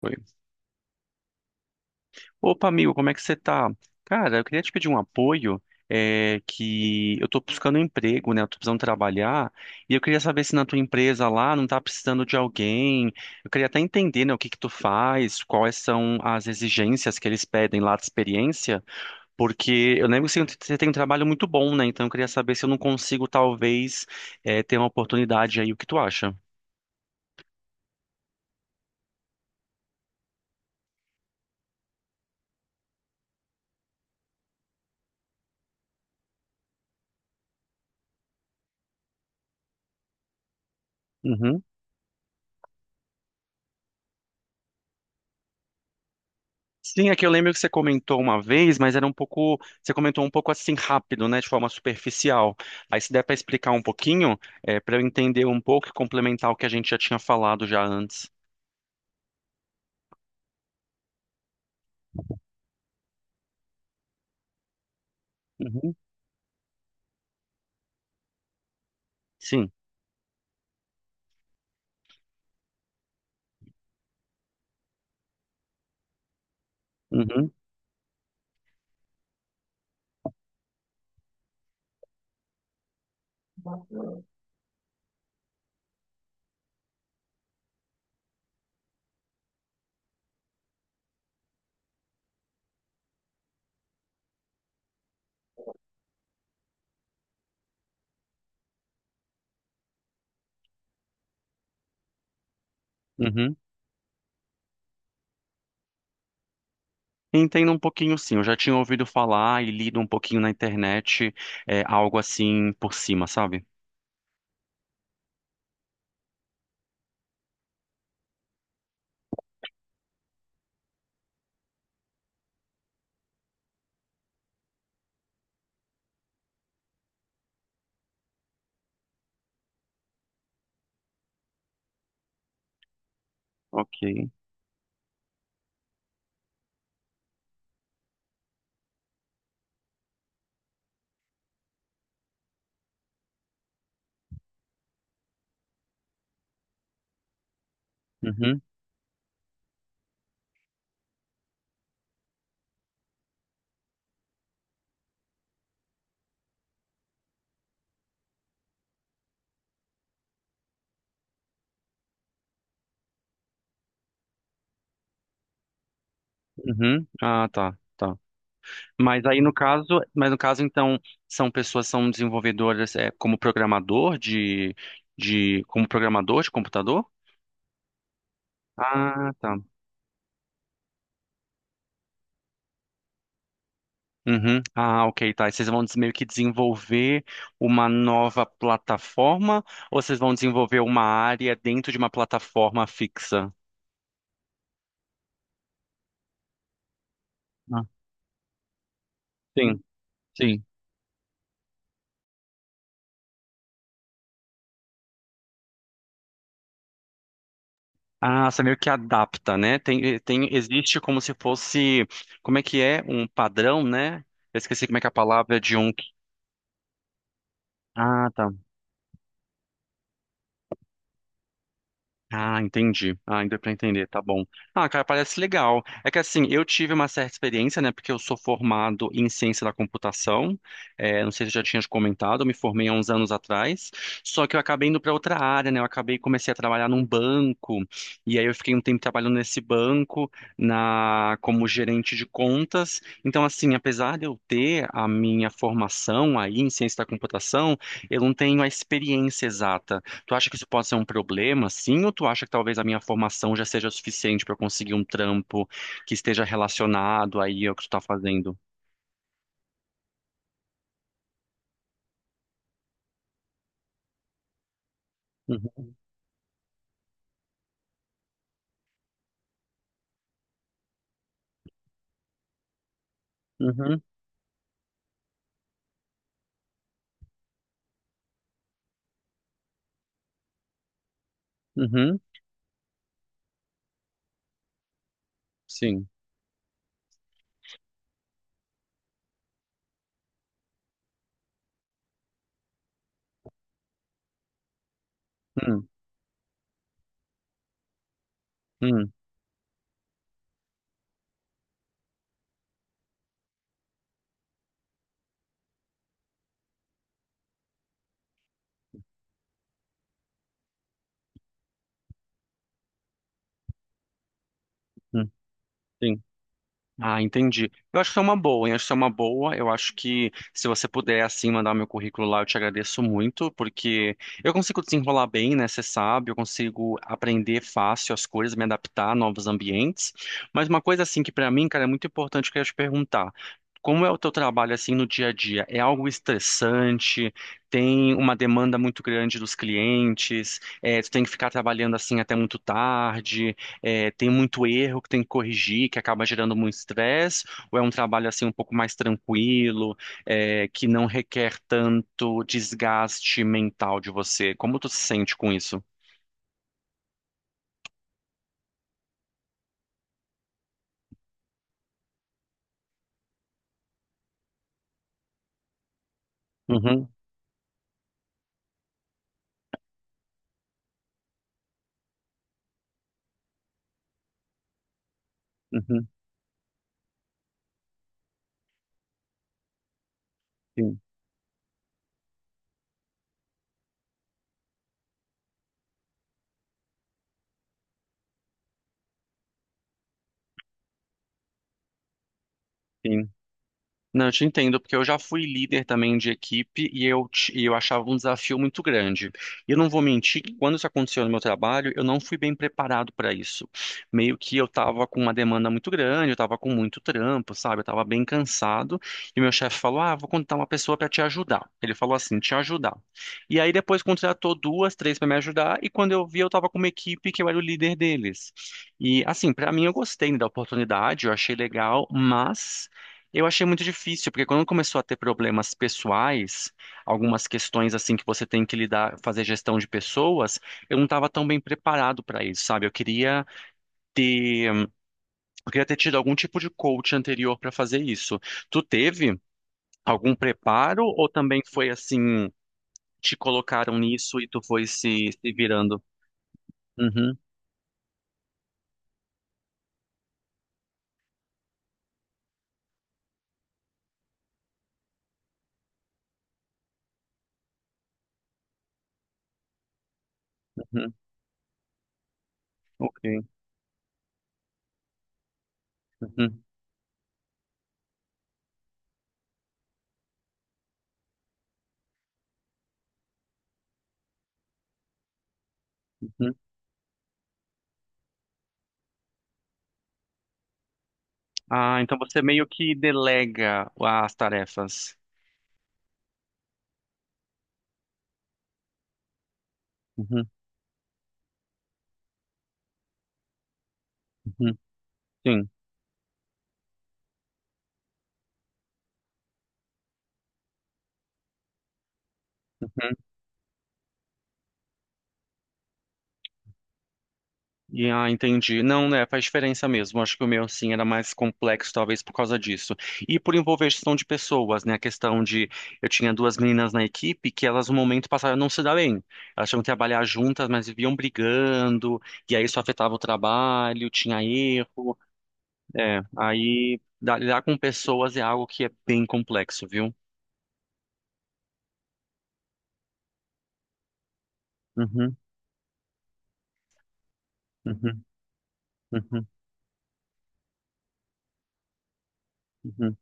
Oi. Opa, amigo, como é que você tá? Cara, eu queria te pedir um apoio, que eu tô buscando um emprego, né? Eu tô precisando trabalhar, e eu queria saber se na tua empresa lá não tá precisando de alguém. Eu queria até entender, né, o que que tu faz, quais são as exigências que eles pedem lá de experiência, porque eu lembro que você tem um trabalho muito bom, né? Então eu queria saber se eu não consigo, talvez, ter uma oportunidade aí, o que tu acha? Uhum. Sim, é que eu lembro que você comentou uma vez, mas era um pouco, você comentou um pouco assim rápido, né, de forma superficial. Aí se der para explicar um pouquinho, para eu entender um pouco e complementar o que a gente já tinha falado já antes. Uhum, sim. Uhum, uhum. Entendo um pouquinho, sim. Eu já tinha ouvido falar e lido um pouquinho na internet, algo assim por cima, sabe? Ok. Uhum, uhum. Ah, tá. Tá. Mas no caso então são desenvolvedoras como programador de computador? Ah, tá. Uhum. Ah, ok, tá. E vocês vão meio que desenvolver uma nova plataforma ou vocês vão desenvolver uma área dentro de uma plataforma fixa? Ah, sim, sim. Ah, você meio que adapta, né? Existe como se fosse, como é que é? Um padrão, né? Eu esqueci como é que é a palavra de um. Ah, tá. Ah, entendi. Ah, ainda para entender, tá bom. Ah, cara, parece legal. É que assim, eu tive uma certa experiência, né? Porque eu sou formado em ciência da computação. Não sei se eu já tinha te comentado, eu me formei há uns anos atrás. Só que eu acabei indo para outra área, né? Eu acabei comecei a trabalhar num banco. E aí eu fiquei um tempo trabalhando nesse banco na como gerente de contas. Então, assim, apesar de eu ter a minha formação aí em ciência da computação, eu não tenho a experiência exata. Tu acha que isso pode ser um problema, sim? Ou tu acha que talvez a minha formação já seja suficiente para eu conseguir um trampo que esteja relacionado aí ao que tu tá fazendo? Uhum, uhum, uhum, sim. Hum, hum, hum, sim. Ah, entendi. Eu acho que é uma boa, hein? Acho que é uma boa. Eu acho que se você puder, assim, mandar o meu currículo lá, eu te agradeço muito, porque eu consigo desenrolar bem, né? Você sabe, eu consigo aprender fácil as coisas, me adaptar a novos ambientes. Mas uma coisa, assim, que pra mim, cara, é muito importante que eu ia te perguntar. Como é o teu trabalho, assim, no dia a dia? É algo estressante? Tem uma demanda muito grande dos clientes? É, tu tem que ficar trabalhando, assim, até muito tarde? Tem muito erro que tem que corrigir, que acaba gerando muito estresse, ou é um trabalho assim um pouco mais tranquilo, que não requer tanto desgaste mental de você? Como tu se sente com isso? Uhum, uhum, sim, sim. Não, eu te entendo, porque eu já fui líder também de equipe e eu achava um desafio muito grande. E eu não vou mentir que quando isso aconteceu no meu trabalho, eu não fui bem preparado para isso. Meio que eu estava com uma demanda muito grande, eu estava com muito trampo, sabe? Eu estava bem cansado. E meu chefe falou: Ah, vou contratar uma pessoa para te ajudar. Ele falou assim: te ajudar. E aí depois contratou duas, três para me ajudar. E quando eu vi, eu estava com uma equipe que eu era o líder deles. E assim, para mim, eu gostei da oportunidade, eu achei legal, mas. Eu achei muito difícil, porque quando começou a ter problemas pessoais, algumas questões assim que você tem que lidar, fazer gestão de pessoas, eu não estava tão bem preparado para isso, sabe? Ter, eu queria ter tido algum tipo de coach anterior para fazer isso. Tu teve algum preparo ou também foi assim, te colocaram nisso e tu foi se virando? Uhum, uhum, ok. Uhum, uhum. Ah, então você meio que delega as tarefas. Uhum, uhum, sim. Uhum. E, ah, entendi. Não, né? Faz diferença mesmo. Acho que o meu, sim, era mais complexo, talvez por causa disso. E por envolver gestão de pessoas, né? A questão de. Eu tinha duas meninas na equipe que elas, no momento, passaram a não se dar bem. Elas tinham que trabalhar juntas, mas viviam brigando. E aí isso afetava o trabalho, tinha erro. É, aí lidar com pessoas é algo que é bem complexo, viu? Uhum, uhum, uhum, uhum.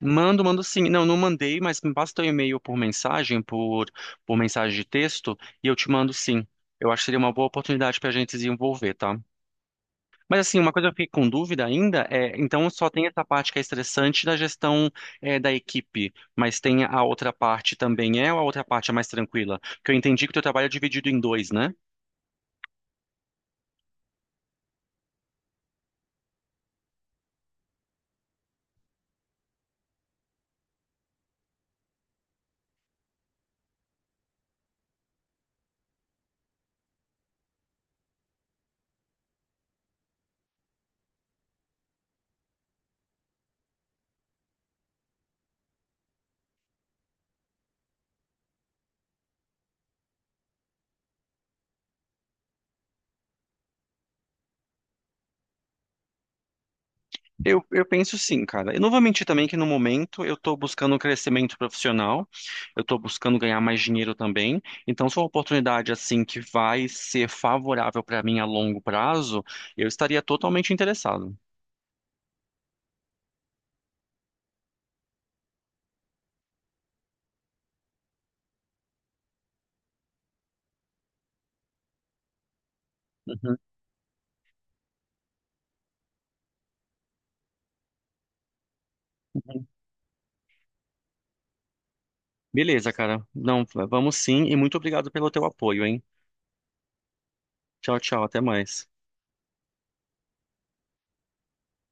Mando, mando sim. Não, não mandei, mas me basta o e-mail por mensagem, por mensagem de texto, e eu te mando sim. Eu acho que seria uma boa oportunidade para a gente se envolver, tá? Mas assim, uma coisa que eu fiquei com dúvida ainda é, então só tem essa parte que é estressante da gestão da equipe, mas tem a outra parte também é ou a outra parte é mais tranquila? Porque eu entendi que o teu trabalho é dividido em dois, né? Eu penso sim, cara. Eu não vou mentir também que no momento eu estou buscando um crescimento profissional, eu estou buscando ganhar mais dinheiro também. Então, se for uma oportunidade assim que vai ser favorável para mim a longo prazo, eu estaria totalmente interessado. Uhum, uhum. Beleza, cara. Não, vamos sim e muito obrigado pelo teu apoio, hein? Tchau, tchau, até mais.